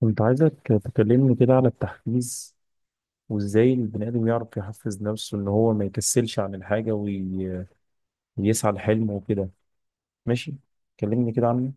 كنت عايزك تكلمني كده على التحفيز، وازاي البني آدم يعرف يحفز نفسه ان هو ما يكسلش عن الحاجة ويسعى لحلمه وكده. ماشي، كلمني كده عنه.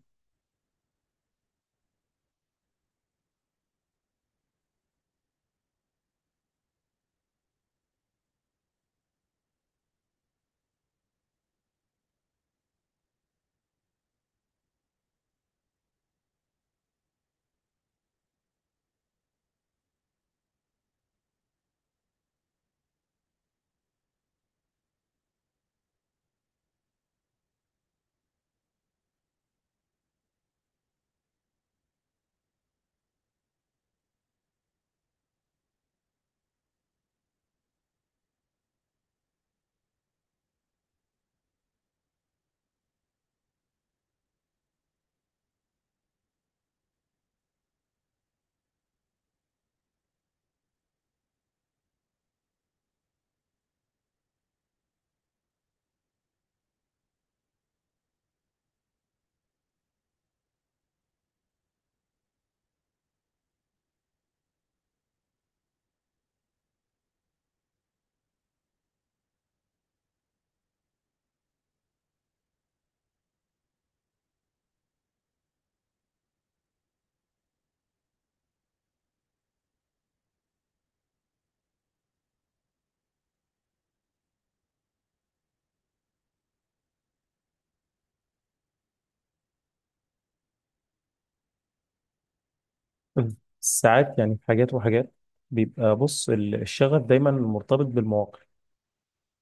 مم. ساعات يعني حاجات وحاجات. بيبقى، بص، الشغف دايما مرتبط بالمواقف.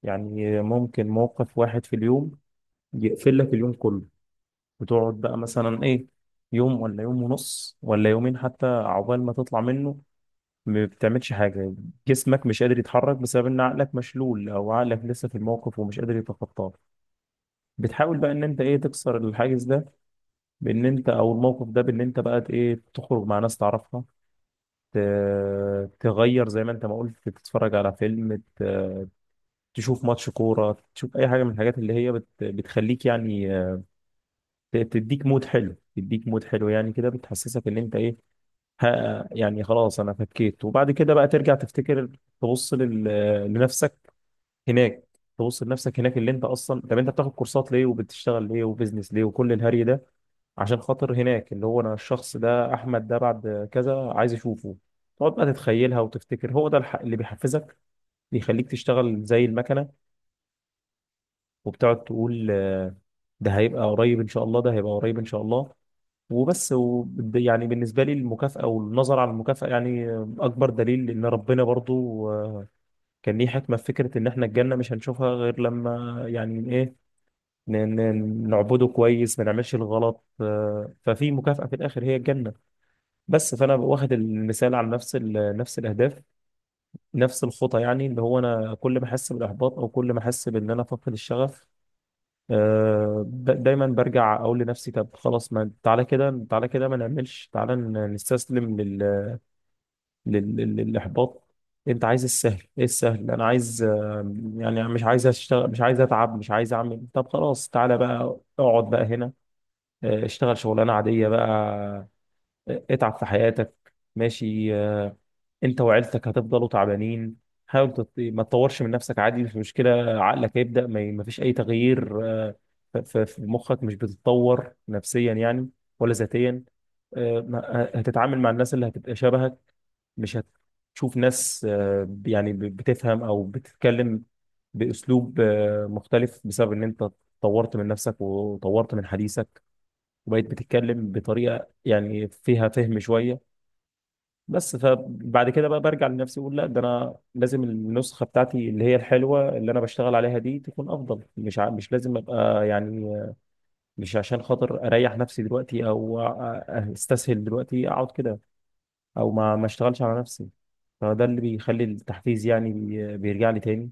يعني ممكن موقف واحد في اليوم يقفل لك اليوم كله، وتقعد بقى مثلا ايه، يوم ولا يوم ونص ولا يومين حتى عقبال ما تطلع منه. ما بتعملش حاجة، جسمك مش قادر يتحرك بسبب ان عقلك مشلول او عقلك لسه في الموقف ومش قادر يتخطاه. بتحاول بقى ان انت ايه، تكسر الحاجز ده، بان انت او الموقف ده، بان انت بقى ايه، تخرج مع ناس تعرفها، ت- تغير زي ما انت ما قلت، تتفرج على فيلم، تشوف ماتش كورة، تشوف اي حاجة من الحاجات اللي هي بتخليك يعني تديك مود حلو، تديك مود حلو، يعني كده بتحسسك ان انت ايه. ها يعني خلاص انا فكيت. وبعد كده بقى ترجع تفتكر، تبص لنفسك هناك، تبص لنفسك هناك اللي انت اصلا. طب انت بتاخد كورسات ليه وبتشتغل ليه وبزنس ليه وكل الهري ده؟ عشان خاطر هناك، اللي هو انا الشخص ده، احمد ده بعد كذا عايز اشوفه. تقعد بقى تتخيلها وتفتكر هو ده اللي بيحفزك، بيخليك تشتغل زي المكنه. وبتقعد تقول ده هيبقى قريب ان شاء الله، ده هيبقى قريب ان شاء الله. وبس يعني بالنسبه لي، المكافاه والنظر على المكافاه يعني اكبر دليل ان ربنا برضو كان ليه حكمه في فكره ان احنا الجنه مش هنشوفها غير لما يعني ايه، نعبده كويس ما نعملش الغلط. ففي مكافأة في الآخر هي الجنة. بس فأنا واخد المثال على نفس نفس الأهداف، نفس الخطى، يعني اللي هو أنا كل ما أحس بالإحباط أو كل ما أحس بإن أنا فاقد الشغف، دايما برجع أقول لنفسي، طب خلاص ما تعالى كده، تعالى كده، ما نعملش، تعالى نستسلم للإحباط. أنت عايز السهل؟ إيه السهل؟ أنا عايز يعني مش عايز أشتغل، مش عايز أتعب، مش عايز أعمل. طب خلاص تعالى بقى اقعد بقى هنا. اشتغل شغلانه عاديه بقى. اتعب في حياتك، ماشي. انت وعيلتك هتفضلوا تعبانين. حاول ما تطورش من نفسك، عادي، مش مشكله. عقلك هيبدا، ما فيش اي تغيير. في مخك مش بتتطور نفسيا يعني، ولا ذاتيا. هتتعامل مع الناس اللي هتبقى شبهك، مش هتشوف ناس يعني بتفهم او بتتكلم باسلوب مختلف، بسبب ان انت طورت من نفسك وطورت من حديثك، وبقيت بتتكلم بطريقه يعني فيها فهم شويه. بس فبعد كده بقى برجع لنفسي اقول لا، ده انا لازم النسخه بتاعتي اللي هي الحلوه اللي انا بشتغل عليها دي تكون افضل. مش لازم ابقى، يعني مش عشان خاطر اريح نفسي دلوقتي او استسهل دلوقتي اقعد كده، او ما اشتغلش على نفسي. فده اللي بيخلي التحفيز يعني بيرجع لي تاني.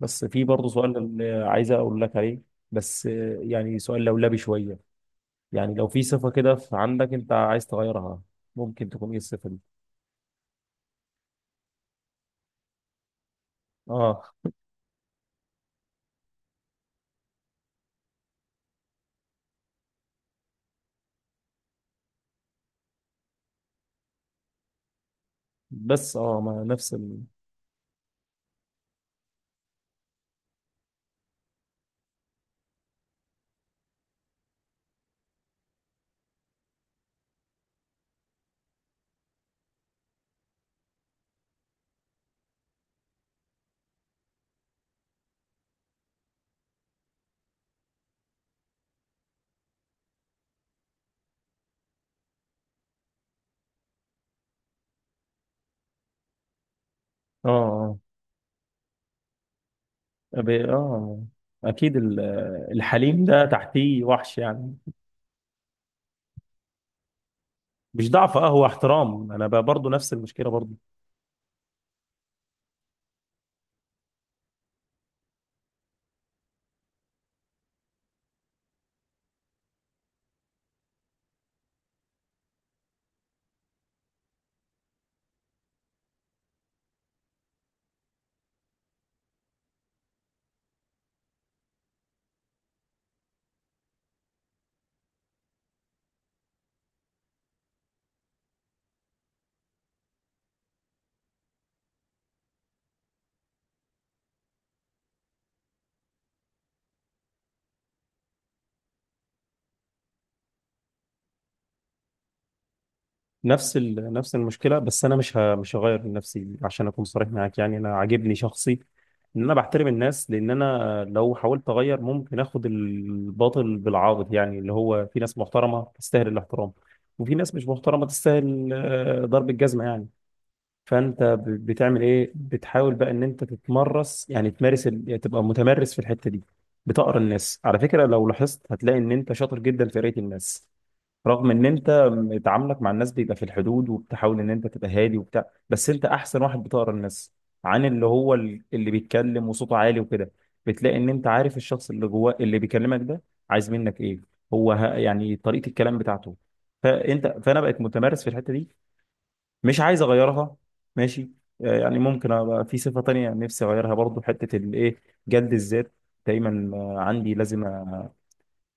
بس في برضه سؤال اللي عايز اقول لك عليه. بس يعني سؤال لولبي شويه، يعني لو في صفة كده في عندك انت عايز تغيرها، ممكن تكون ايه الصفة دي؟ اه، بس اه، ما نفس ال... اه، اه، اه، اكيد الحليم ده تحتيه وحش يعني. مش ضعف، اه، هو احترام. انا برضه نفس المشكلة برضه. نفس المشكله. بس انا مش هغير من نفسي عشان اكون صريح معاك، يعني انا عاجبني شخصي ان انا بحترم الناس. لان انا لو حاولت اغير ممكن اخد الباطل بالعاضد، يعني اللي هو في ناس محترمه تستاهل الاحترام، وفي ناس مش محترمه تستاهل ضرب الجزمه يعني. فانت بتعمل ايه؟ بتحاول بقى ان انت تتمرس، يعني تمارس يعني تبقى متمرس في الحته دي. بتقرا الناس على فكره، لو لاحظت هتلاقي ان انت شاطر جدا في قرايه الناس، رغم ان انت تعاملك مع الناس بيبقى في الحدود، وبتحاول ان انت تبقى هادي وبتاع، بس انت احسن واحد بتقرا الناس، عن اللي هو اللي بيتكلم وصوته عالي وكده. بتلاقي ان انت عارف الشخص اللي جواه اللي بيكلمك ده عايز منك ايه، هو يعني طريقة الكلام بتاعته. فانا بقيت متمرس في الحتة دي، مش عايز اغيرها، ماشي. يعني ممكن ابقى في صفة تانية نفسي اغيرها برضو، حتة الايه، جلد الذات. دايما عندي لازم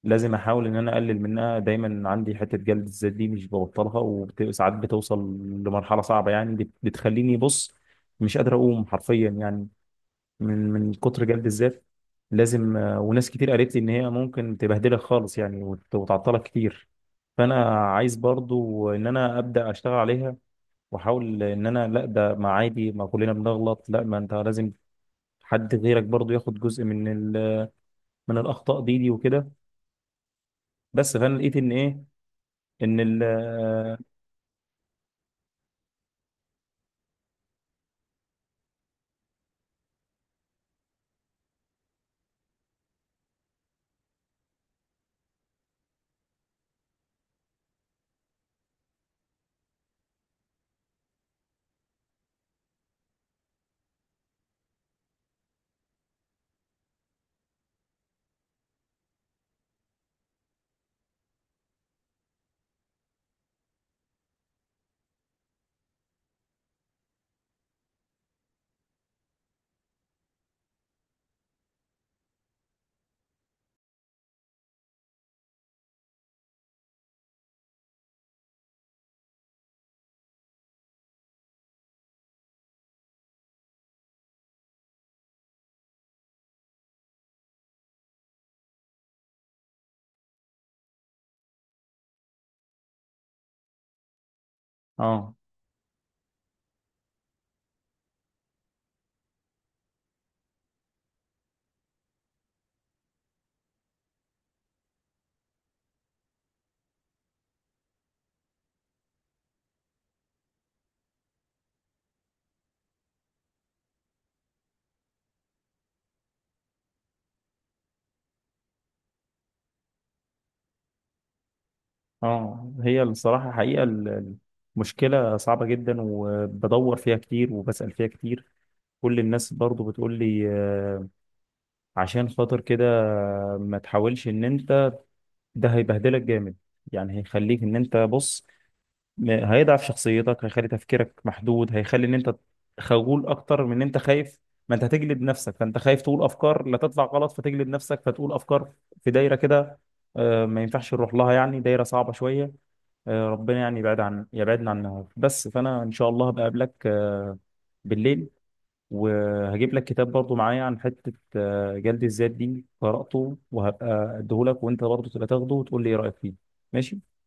لازم احاول ان انا اقلل منها. دايما عندي حته جلد الذات دي مش ببطلها. وساعات بتوصل لمرحله صعبه، يعني بتخليني، بص، مش قادر اقوم حرفيا يعني، من كتر جلد الذات. لازم وناس كتير قالت لي ان هي ممكن تبهدلك خالص يعني، وتعطلك كتير. فانا عايز برضو ان انا ابدا اشتغل عليها، واحاول ان انا، لا ده ما عادي، ما كلنا بنغلط، لا ما انت لازم حد غيرك برضو ياخد جزء من ال- من الاخطاء دي وكده. بس فانا لقيت ان ايه، ان ال اه، اه، هي الصراحه، حقيقه المشكله صعبه جدا، وبدور فيها كتير وبسأل فيها كتير. كل الناس برضو بتقول لي عشان خاطر كده ما تحاولش ان انت، ده هيبهدلك جامد، يعني هيخليك ان انت، بص، هيضعف شخصيتك، هيخلي تفكيرك محدود، هيخلي ان انت خجول اكتر من ان انت خايف. ما انت هتجلد نفسك، فانت خايف تقول افكار لا تطلع غلط، فتجلد نفسك فتقول افكار في دايره كده ما ينفعش نروح لها يعني، دايره صعبه شويه. ربنا يعني يبعدنا عنها. بس فانا ان شاء الله بقابلك بالليل، وهجيب لك كتاب برضو معايا عن حته جلد الذات دي، قراته وهبقى اديهولك، وانت برضو تبقى تاخده وتقول لي ايه رايك فيه. ماشي.